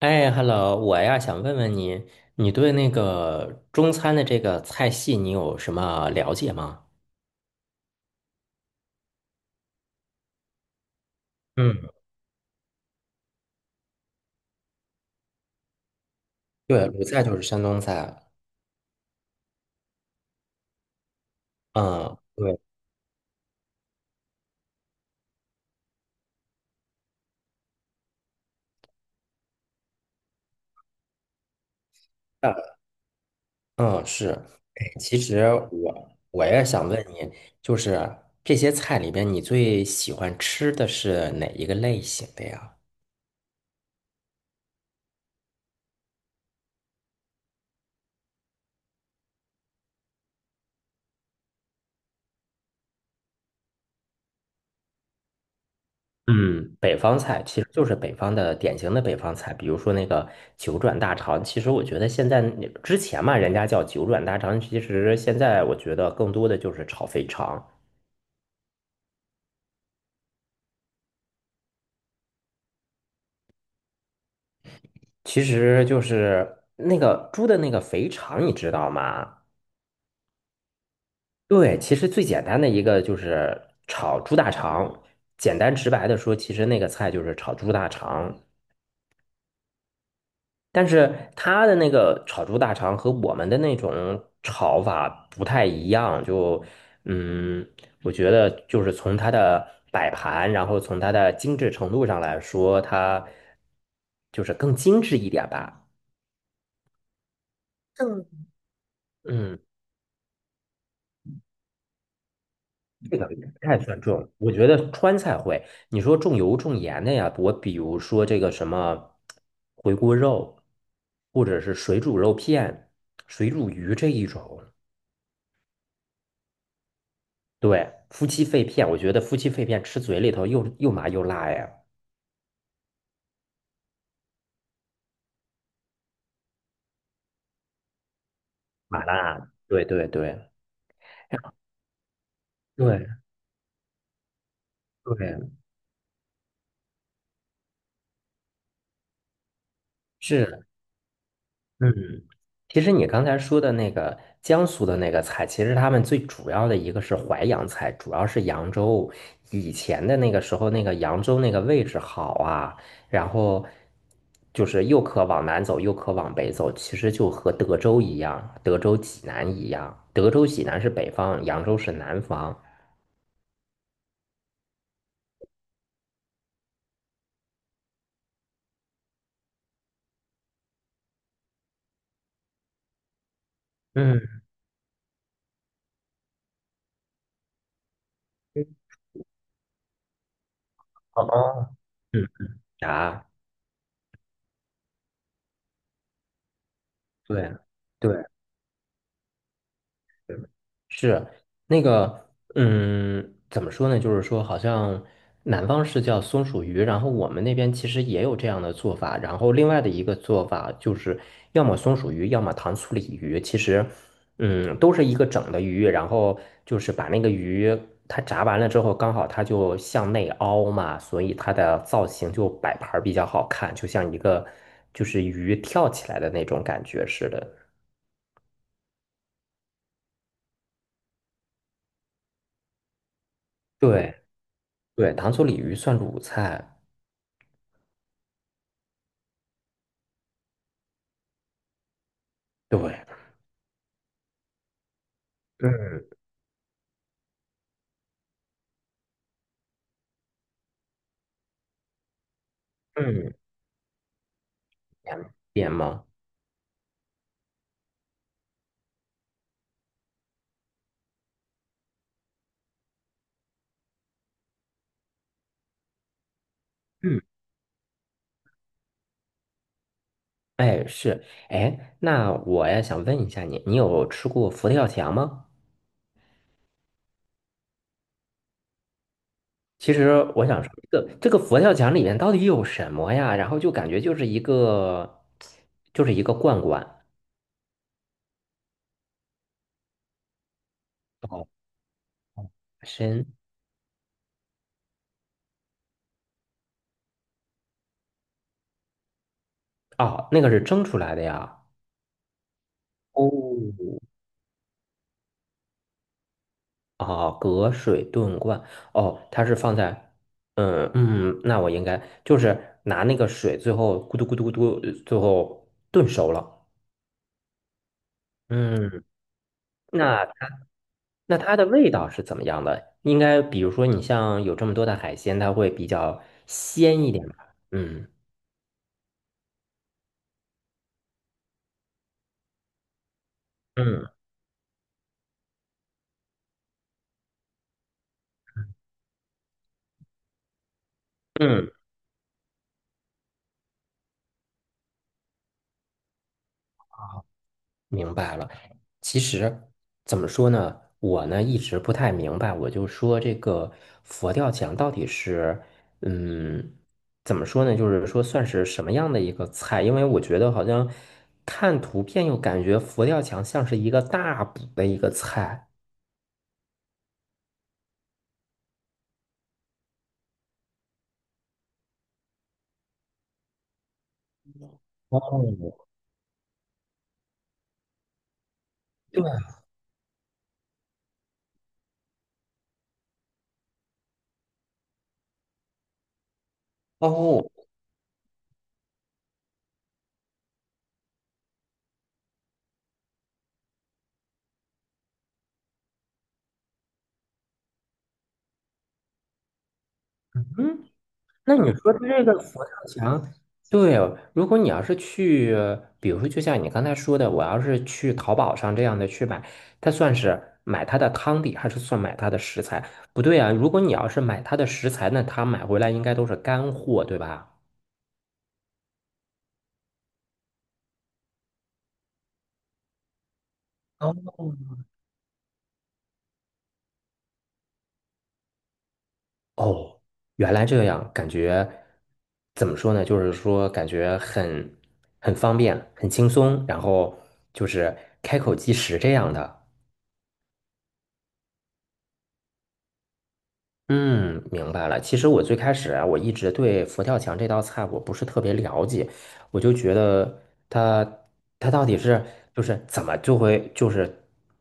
哎，hello，我想问问你，你对那个中餐的这个菜系你有什么了解吗？嗯，对，鲁菜就是山东菜。嗯，对，嗯，是。哎，其实我也想问你，就是这些菜里边，你最喜欢吃的是哪一个类型的呀？嗯，北方菜其实就是北方的典型的北方菜，比如说那个九转大肠。其实我觉得现在你之前嘛，人家叫九转大肠，其实现在我觉得更多的就是炒肥肠，其实就是那个猪的那个肥肠，你知道吗？对，其实最简单的一个就是炒猪大肠，简单直白的说，其实那个菜就是炒猪大肠。但是他的那个炒猪大肠和我们的那种炒法不太一样，嗯，我觉得就是从它的摆盘，然后从它的精致程度上来说，它就是更精致一点吧。嗯，这个不太算重，我觉得川菜会。你说重油重盐的呀，我比如说这个什么回锅肉，或者是水煮肉片、水煮鱼这一种。对，夫妻肺片，我觉得夫妻肺片吃嘴里头又麻又辣呀，麻辣，对对对对对，是，嗯，其实你刚才说的那个江苏的那个菜，其实他们最主要的一个是淮扬菜，主要是扬州以前的那个时候，那个扬州那个位置好啊，然后就是又可往南走，又可往北走，其实就和德州一样，德州济南一样，德州济南是北方，扬州是南方，嗯。哦，嗯，答，对啊对，是那个，怎么说呢？就是说，好像南方是叫松鼠鱼，然后我们那边其实也有这样的做法。然后另外的一个做法就是，要么松鼠鱼，要么糖醋鲤鱼。其实，嗯，都是一个整的鱼，然后就是把那个鱼它炸完了之后，刚好它就向内凹嘛，所以它的造型就摆盘儿比较好看，就像一个就是鱼跳起来的那种感觉似的。对对，糖醋鲤鱼算鲁菜。对，嗯嗯，两点吗？嗯，哎是，哎，那我也想问一下你，你有吃过佛跳墙吗？其实我想说，这个佛跳墙里面到底有什么呀？然后就感觉就是一个，就是一个罐罐，哦，身，哦，那个是蒸出来的呀。哦，哦，隔水炖罐，哦，它是放在，嗯嗯，那我应该就是拿那个水，最后咕嘟咕嘟咕嘟，最后炖熟了。嗯，那那它的味道是怎么样的？应该比如说你像有这么多的海鲜，它会比较鲜一点吧？嗯嗯嗯，明白了。其实怎么说呢，我呢一直不太明白，我就说这个佛跳墙到底是嗯怎么说呢？就是说算是什么样的一个菜？因为我觉得好像看图片又感觉佛跳墙像是一个大补的一个菜。哦，对，哦，嗯。那你说的这个佛跳墙，对哦，如果你要是去，比如说就像你刚才说的，我要是去淘宝上这样的去买，它算是买它的汤底，还是算买它的食材？不对啊，如果你要是买它的食材，那它买回来应该都是干货，对吧？哦，哦，原来这样，感觉怎么说呢？就是说感觉很很方便，很轻松，然后就是开口即食这样的。嗯，明白了。其实我最开始啊，我一直对佛跳墙这道菜我不是特别了解，我就觉得它它到底是就是怎么就会就是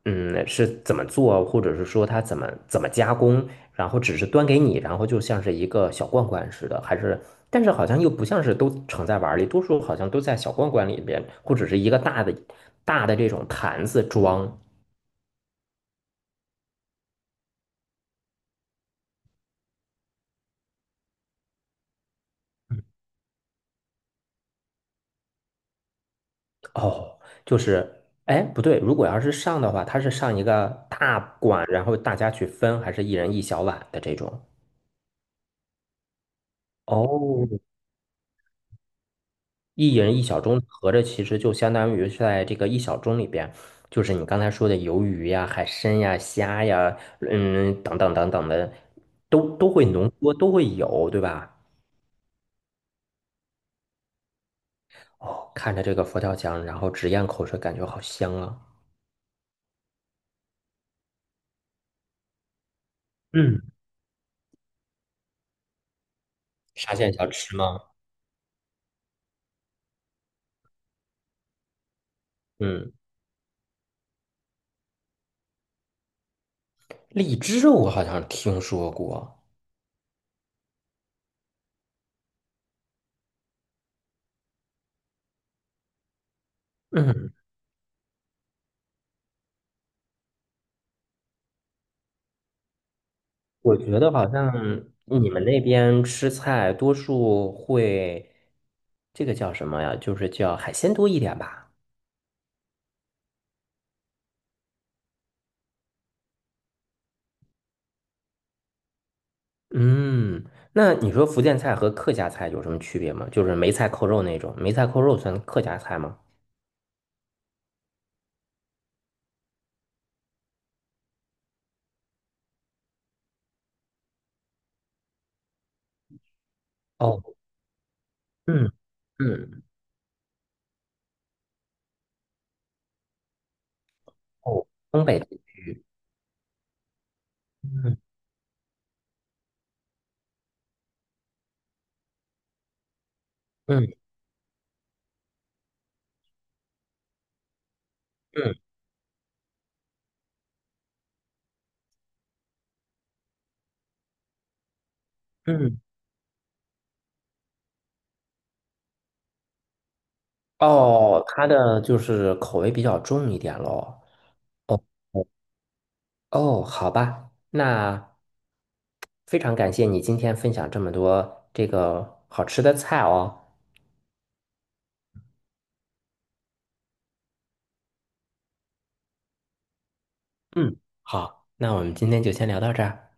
是怎么做，或者是说它怎么加工，然后只是端给你，然后就像是一个小罐罐似的，还是但是好像又不像是都盛在碗儿里，多数好像都在小罐罐里边，或者是一个大的大的这种坛子装。哦，就是，哎，不对，如果要是上的话，它是上一个大碗，然后大家去分，还是一人一小碗的这种？哦，一人一小盅，合着其实就相当于是在这个一小盅里边，就是你刚才说的鱿鱼呀、海参呀、虾呀，嗯，等等等等的，都会浓缩，都会有，对吧？哦，看着这个佛跳墙，然后直咽口水，感觉好香啊。嗯，沙县小吃吗？嗯，荔枝我好像听说过。嗯，我觉得好像你们那边吃菜多数会，这个叫什么呀？就是叫海鲜多一点吧。嗯，那你说福建菜和客家菜有什么区别吗？就是梅菜扣肉那种，梅菜扣肉算客家菜吗？哦，嗯嗯，哦，东北，嗯嗯嗯嗯，哦，它的就是口味比较重一点喽。哦哦，好吧，那非常感谢你今天分享这么多这个好吃的菜哦。嗯，好，那我们今天就先聊到这儿。